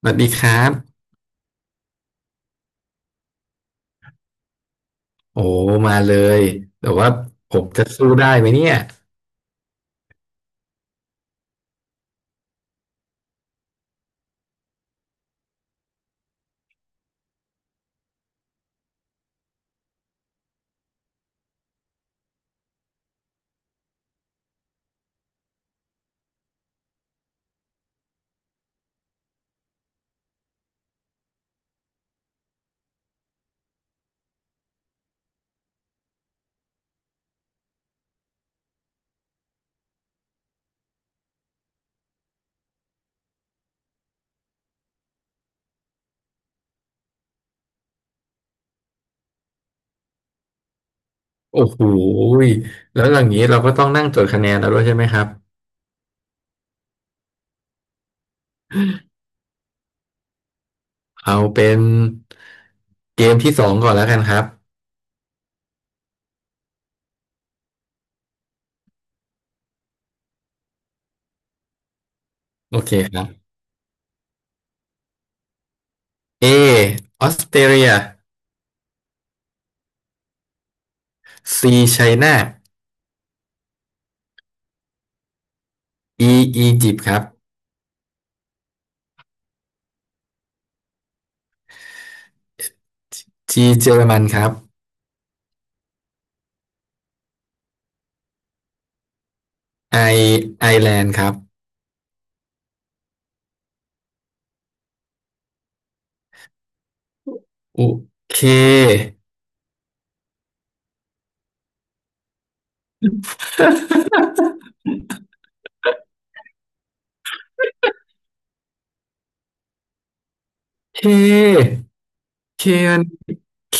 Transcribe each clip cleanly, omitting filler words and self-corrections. สวัสดีครับโอ้มาเลยแต่ว่าผมจะสู้ได้ไหมเนี่ยโอ้โหยแล้วอย่างนี้เราก็ต้องนั่งจดคะแนนแล้วด้วยใช่ไหมครับเอาเป็นเกมที่สองก่อนแล้วกันครับโอเคครับ A ออสเตรเลีย C ไชน่า E อียิปต์ครับ G เยอรมันครับ I ไอร์แลนด์ครับโอเคเคเคอันเค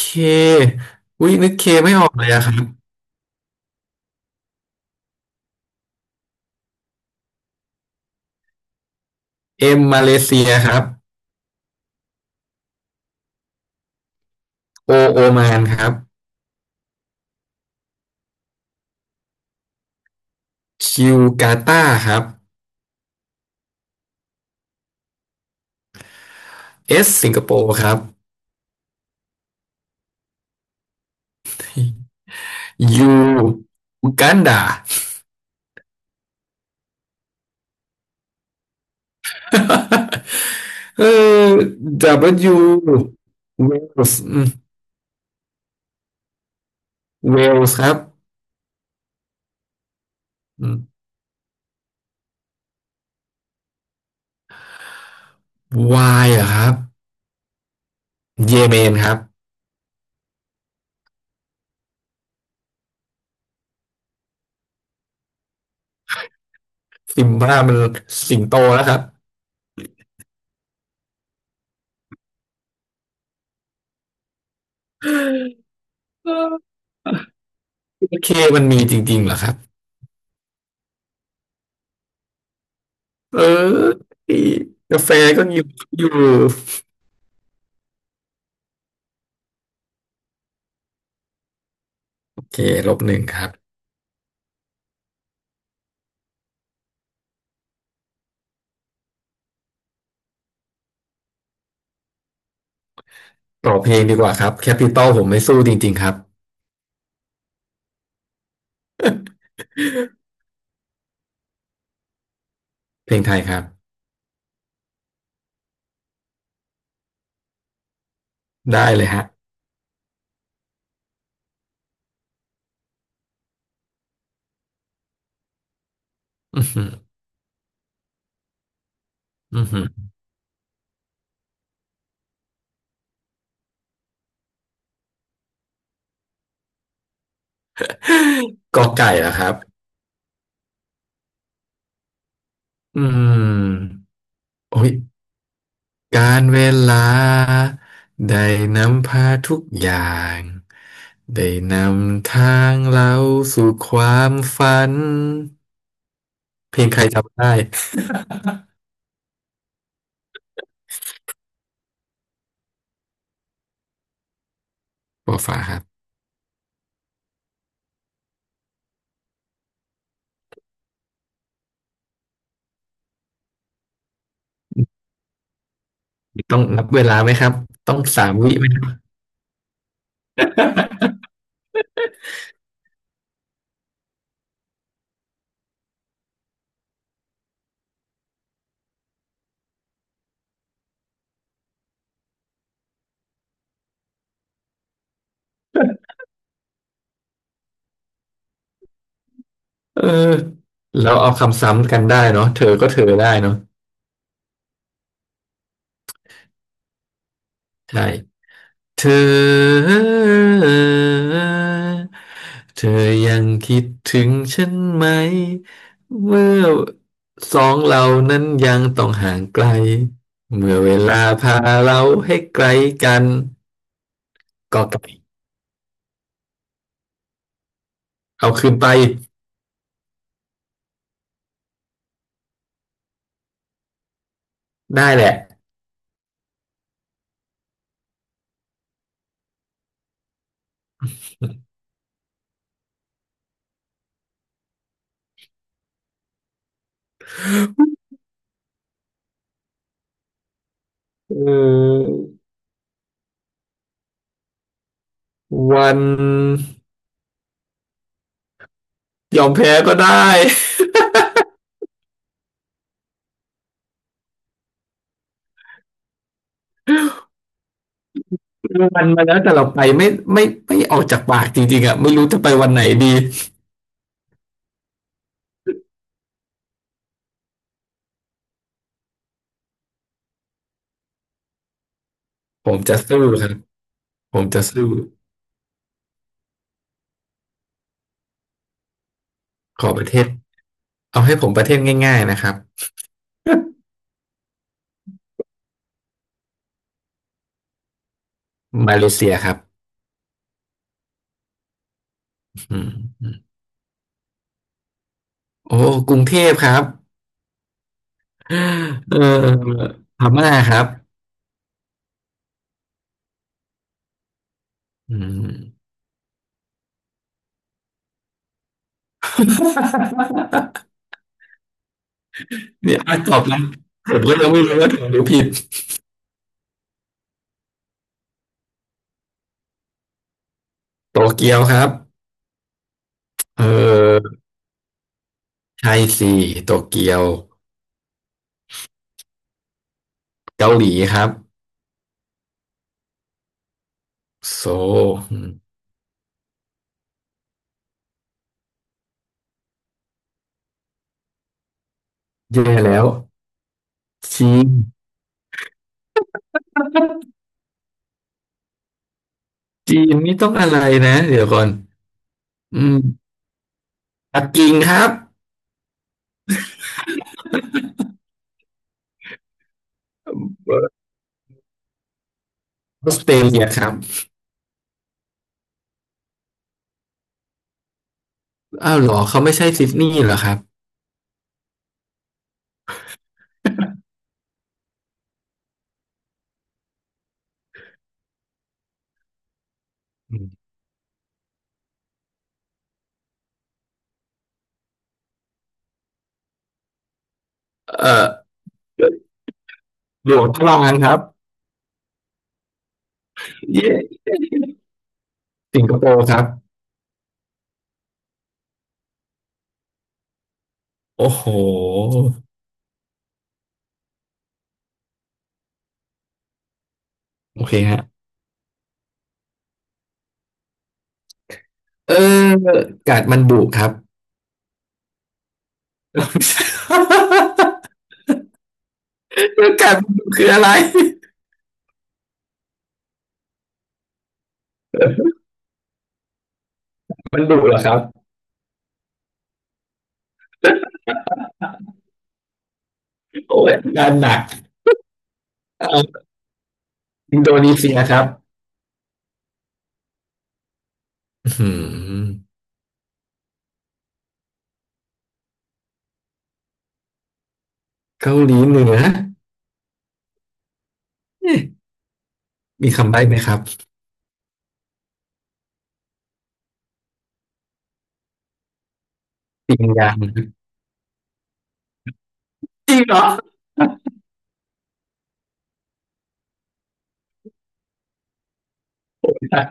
อุ้ยนึกเคไม่ออกเลยอะครับ M มาเลเซียครับ โอโอมานครับคิวกาตาร์ครับเอสสิงคโปร์ครับยูอูกันดา เออดับเบิลยูเวลส์เวลส์ครับวายเหรอครับเยเมนครับซิมบ้ามันสิงโตแล้วครับโอเคมันมีจริงๆเหรอครับเออกาแฟก็มีอยู่โอเคลบหนึ่งครับต่อเพลงดีกว่าครับแคปิตอลผมไม่สู้จริงๆครับ เพลงไทยครับได้เลยฮะอือหืออือหือกอไก่เหรอครับอืมโอ้ยการเวลาได้นำพาทุกอย่างได้นำทางเราสู่ความฝันเพลงใครจำได้ ปอฟ้าครับต้องนับเวลาไหมครับต้องสามวิไหมครับ เออแล้วเอาคำซ้ำกันได้เนาะเธอก็เธอได้เนาะใช่ เธอเธอยังคิดถึงฉันไหมเมื่อสองเรานั้นยังต้องห่างไกลเมื่อเวลาพาเราให้ไกลกันก็ไกลเอาคืนไปได้แหละเออวันยอมแพ้ก็ได้วันมาแล้วแต่เราไปไม่ไม่ออกจากปากจริงๆอ่ะไม่รู้จะไปวันไหนดีผมจะสู้ครับผมจะสู้ ขอประเทศเอาให้ผมประเทศง่ายๆนะครับมาเลเซียครับอืมอืมโอ้กรุงเทพครับเออพม่าครับอืมเนี่ยอ่ะตอบนะผมก็ยังไม่รู้ว่าถูกหรือผิดโตเกียวครับเออไทยสี่โตเกียวเกาหลีครับโซลอืมแย่แล้วจีนจีนนี่ต้องอะไรนะเดี๋ยวก่อนอืมปักกิ่งครับออสเตรเลียครับ อ้าวเหรอเขาไม่ใช่ซิดนีย์เหรอครับอืมเอ่อหลวงทดลองกันครับเย่สิงคโปร์ครับโอ้โหโอเคฮะเออกาดมันดุครับ กาดมันดุคืออะไรมันดุเหรอครับโอ้ยงานหนักเอาอินโดนีเซียครับอื้อหือเกาหลีเหนือเอ๊ะมีคำใบ้ไหมครับปิงยางจริงเหรอ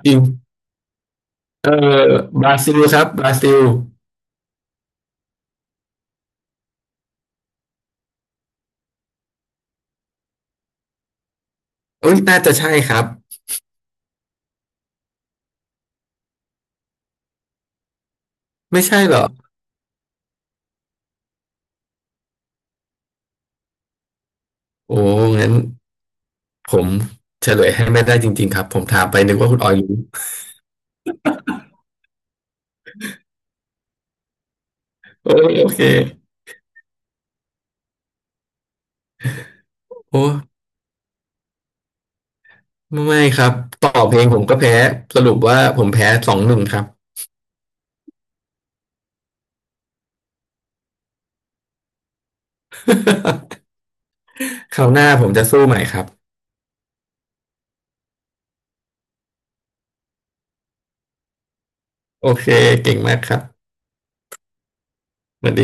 จริงเออบราซิลครับบราซิลเอ้ยน่าจะใช่ครับ ไม่ใช่เหรอ โอ้งั้นผมเฉลยให้ไม่ได้จริงๆครับผมถามไปนึกว่าคุณออยรู้โอ้ยโอเคโอ้ไม่ไม่ครับต่อเพลงผมก็แพ้สรุปว่าผมแพ้สองหนึ่งครับ คราวหน้าผมจะสู้ใหม่ครับโอเคเก่งมากครับสวัสดี